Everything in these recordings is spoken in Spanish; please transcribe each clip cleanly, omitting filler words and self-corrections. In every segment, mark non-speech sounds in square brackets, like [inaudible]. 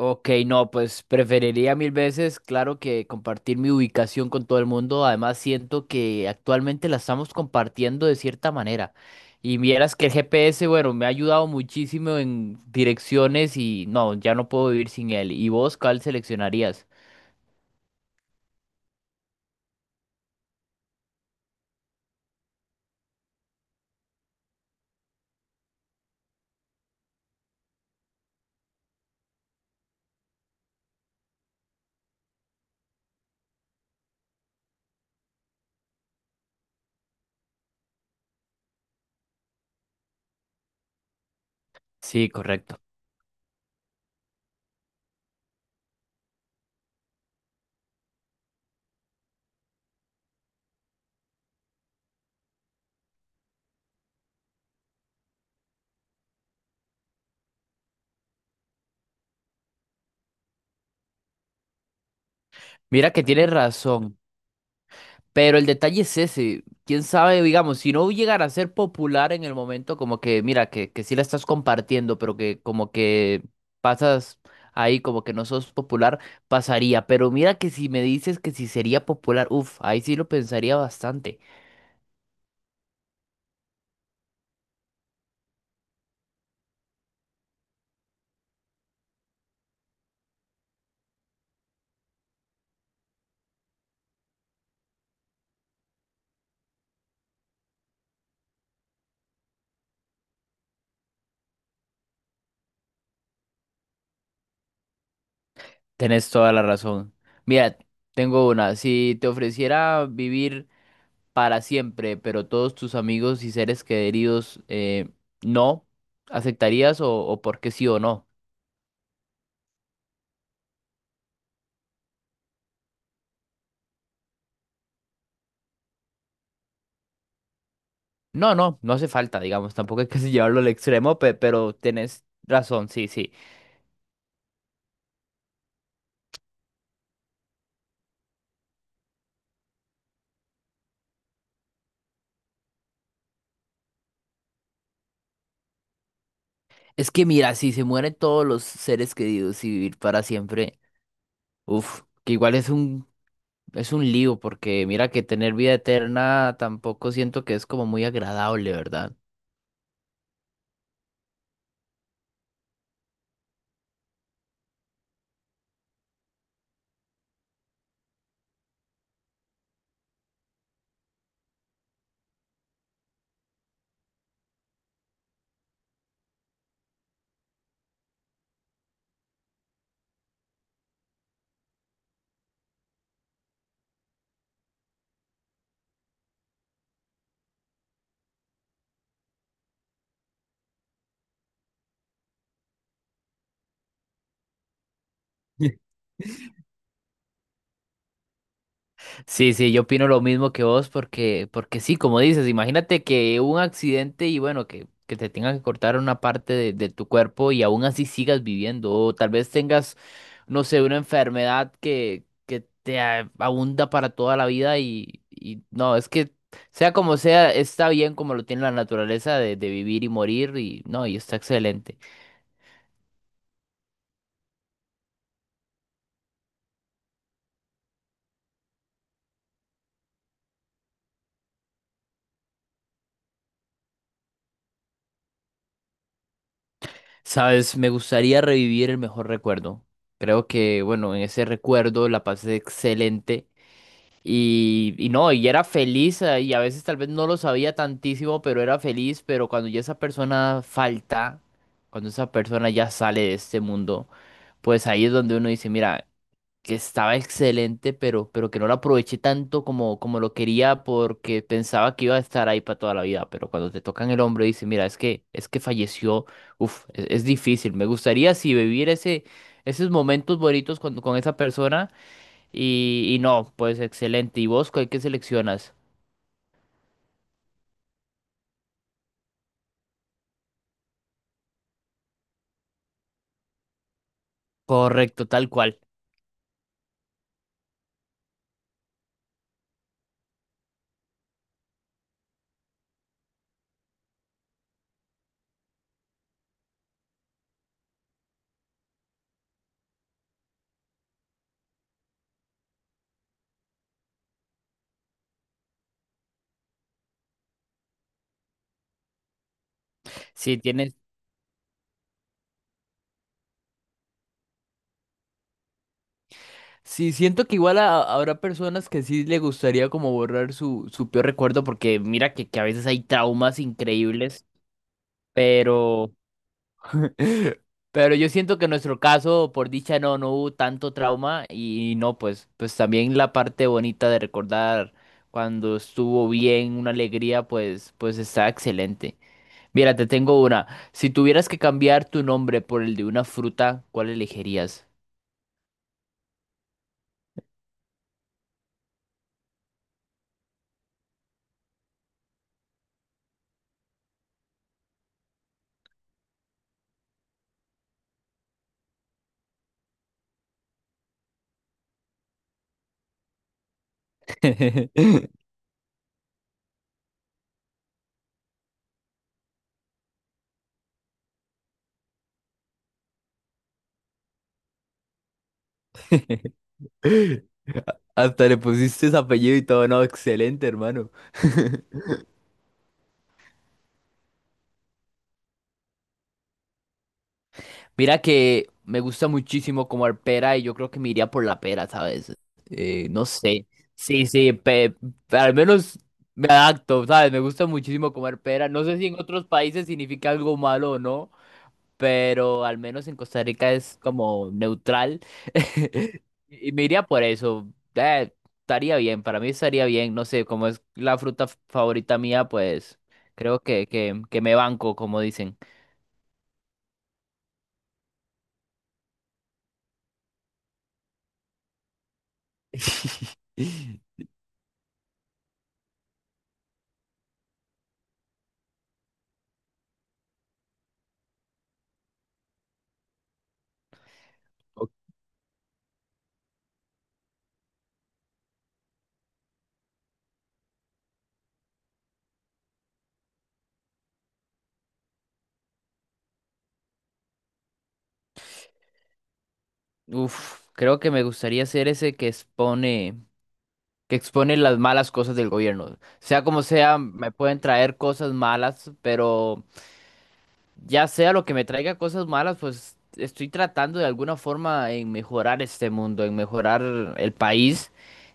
Ok, no, pues preferiría mil veces, claro que compartir mi ubicación con todo el mundo. Además, siento que actualmente la estamos compartiendo de cierta manera. Y vieras que el GPS, bueno, me ha ayudado muchísimo en direcciones y no, ya no puedo vivir sin él. ¿Y vos cuál seleccionarías? Sí, correcto. Mira que tienes razón. Pero el detalle es ese, quién sabe, digamos, si no llegara a ser popular en el momento, como que, mira, que sí la estás compartiendo, pero que como que pasas ahí, como que no sos popular, pasaría. Pero mira que si me dices que si sería popular, uff, ahí sí lo pensaría bastante. Tenés toda la razón. Mira, tengo una, si te ofreciera vivir para siempre, pero todos tus amigos y seres queridos, no, ¿aceptarías o por qué sí o no? No, no, no hace falta, digamos, tampoco hay que [laughs] llevarlo al extremo, pero tenés razón, sí, sí. Es que mira, si se mueren todos los seres queridos y vivir para siempre, uff, que igual es un lío, porque mira que tener vida eterna tampoco siento que es como muy agradable, ¿verdad? [laughs] Sí, sí, yo opino lo mismo que vos porque, porque sí, como dices, imagínate que un accidente y bueno, que te tengan que cortar una parte de tu cuerpo y aún así sigas viviendo o tal vez tengas, no sé, una enfermedad que te abunda para toda la vida y no, es que sea como sea, está bien como lo tiene la naturaleza de vivir y morir y no, y está excelente. Sabes, me gustaría revivir el mejor recuerdo. Creo que, bueno, en ese recuerdo la pasé excelente. Y no, y era feliz, y a veces tal vez no lo sabía tantísimo, pero era feliz, pero cuando ya esa persona falta, cuando esa persona ya sale de este mundo, pues ahí es donde uno dice, mira, que estaba excelente, pero que no lo aproveché tanto como, como lo quería porque pensaba que iba a estar ahí para toda la vida, pero cuando te tocan el hombro y dices, mira, es que falleció, uf, es difícil, me gustaría si vivir ese, esos momentos bonitos con esa persona. Y no, pues excelente. ¿Y vos cuál que seleccionas? Correcto, tal cual. Si tienes. Sí, siento que igual habrá personas que sí le gustaría como borrar su, su peor recuerdo, porque mira que a veces hay traumas increíbles, pero, [laughs] pero yo siento que en nuestro caso, por dicha, no, no hubo tanto trauma y no, pues, pues también la parte bonita de recordar cuando estuvo bien, una alegría, pues, pues está excelente. Mira, te tengo una. Si tuvieras que cambiar tu nombre por el de una fruta, ¿cuál elegirías? [laughs] Hasta le pusiste ese apellido y todo, no, excelente, hermano. [laughs] Mira que me gusta muchísimo comer pera y yo creo que me iría por la pera, ¿sabes? No sé. Sí, sí, al menos me adapto, ¿sabes? Me gusta muchísimo comer pera. No sé si en otros países significa algo malo o no. Pero al menos en Costa Rica es como neutral. [laughs] Y me iría por eso. Eh, estaría bien, para mí estaría bien. No sé, como es la fruta favorita mía, pues creo que me banco, como dicen. [laughs] Ok. Uf, creo que me gustaría ser ese que expone las malas cosas del gobierno. Sea como sea, me pueden traer cosas malas, pero ya sea lo que me traiga cosas malas, pues estoy tratando de alguna forma en mejorar este mundo, en mejorar el país.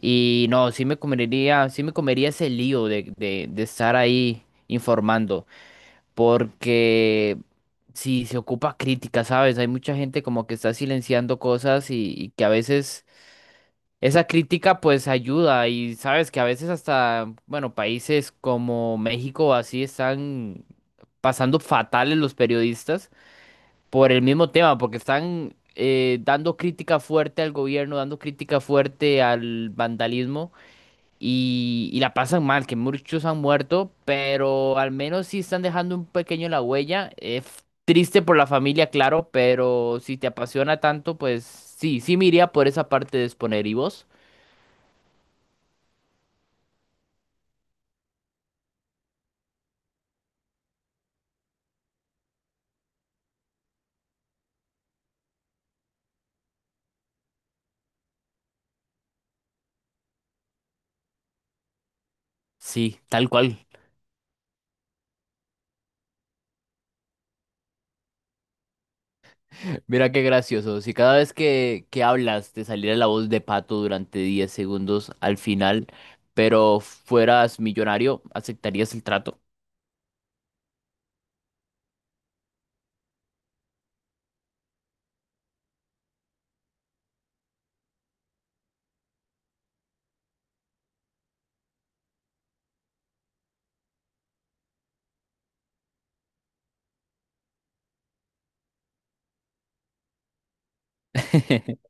Y no, sí me comería ese lío de estar ahí informando. Porque sí se ocupa crítica, ¿sabes? Hay mucha gente como que está silenciando cosas y que a veces esa crítica pues ayuda. Y sabes que a veces hasta, bueno, países como México o así están pasando fatales los periodistas por el mismo tema, porque están dando crítica fuerte al gobierno, dando crítica fuerte al vandalismo y la pasan mal, que muchos han muerto, pero al menos sí están dejando un pequeño la huella. Es triste por la familia, claro, pero si te apasiona tanto, pues sí, sí me iría por esa parte de exponer. ¿Y vos? Sí, tal cual. Mira qué gracioso. Si cada vez que hablas te saliera la voz de Pato durante 10 segundos al final, pero fueras millonario, ¿aceptarías el trato? [laughs]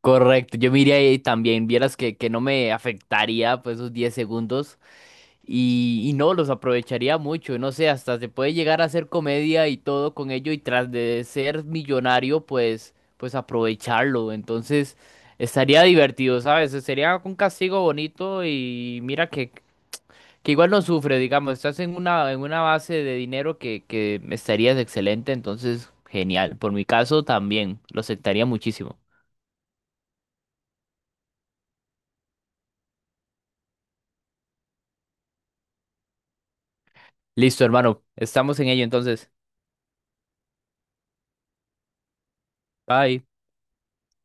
Correcto, yo me iría ahí también, vieras que no me afectaría pues esos 10 segundos y no, los aprovecharía mucho, no sé, hasta se puede llegar a hacer comedia y todo con ello y tras de ser millonario pues, pues aprovecharlo, entonces estaría divertido, ¿sabes? Sería un castigo bonito y mira que igual no sufre, digamos, estás en una base de dinero que estarías excelente, entonces genial, por mi caso también, lo aceptaría muchísimo. Listo, hermano. Estamos en ello entonces. Bye.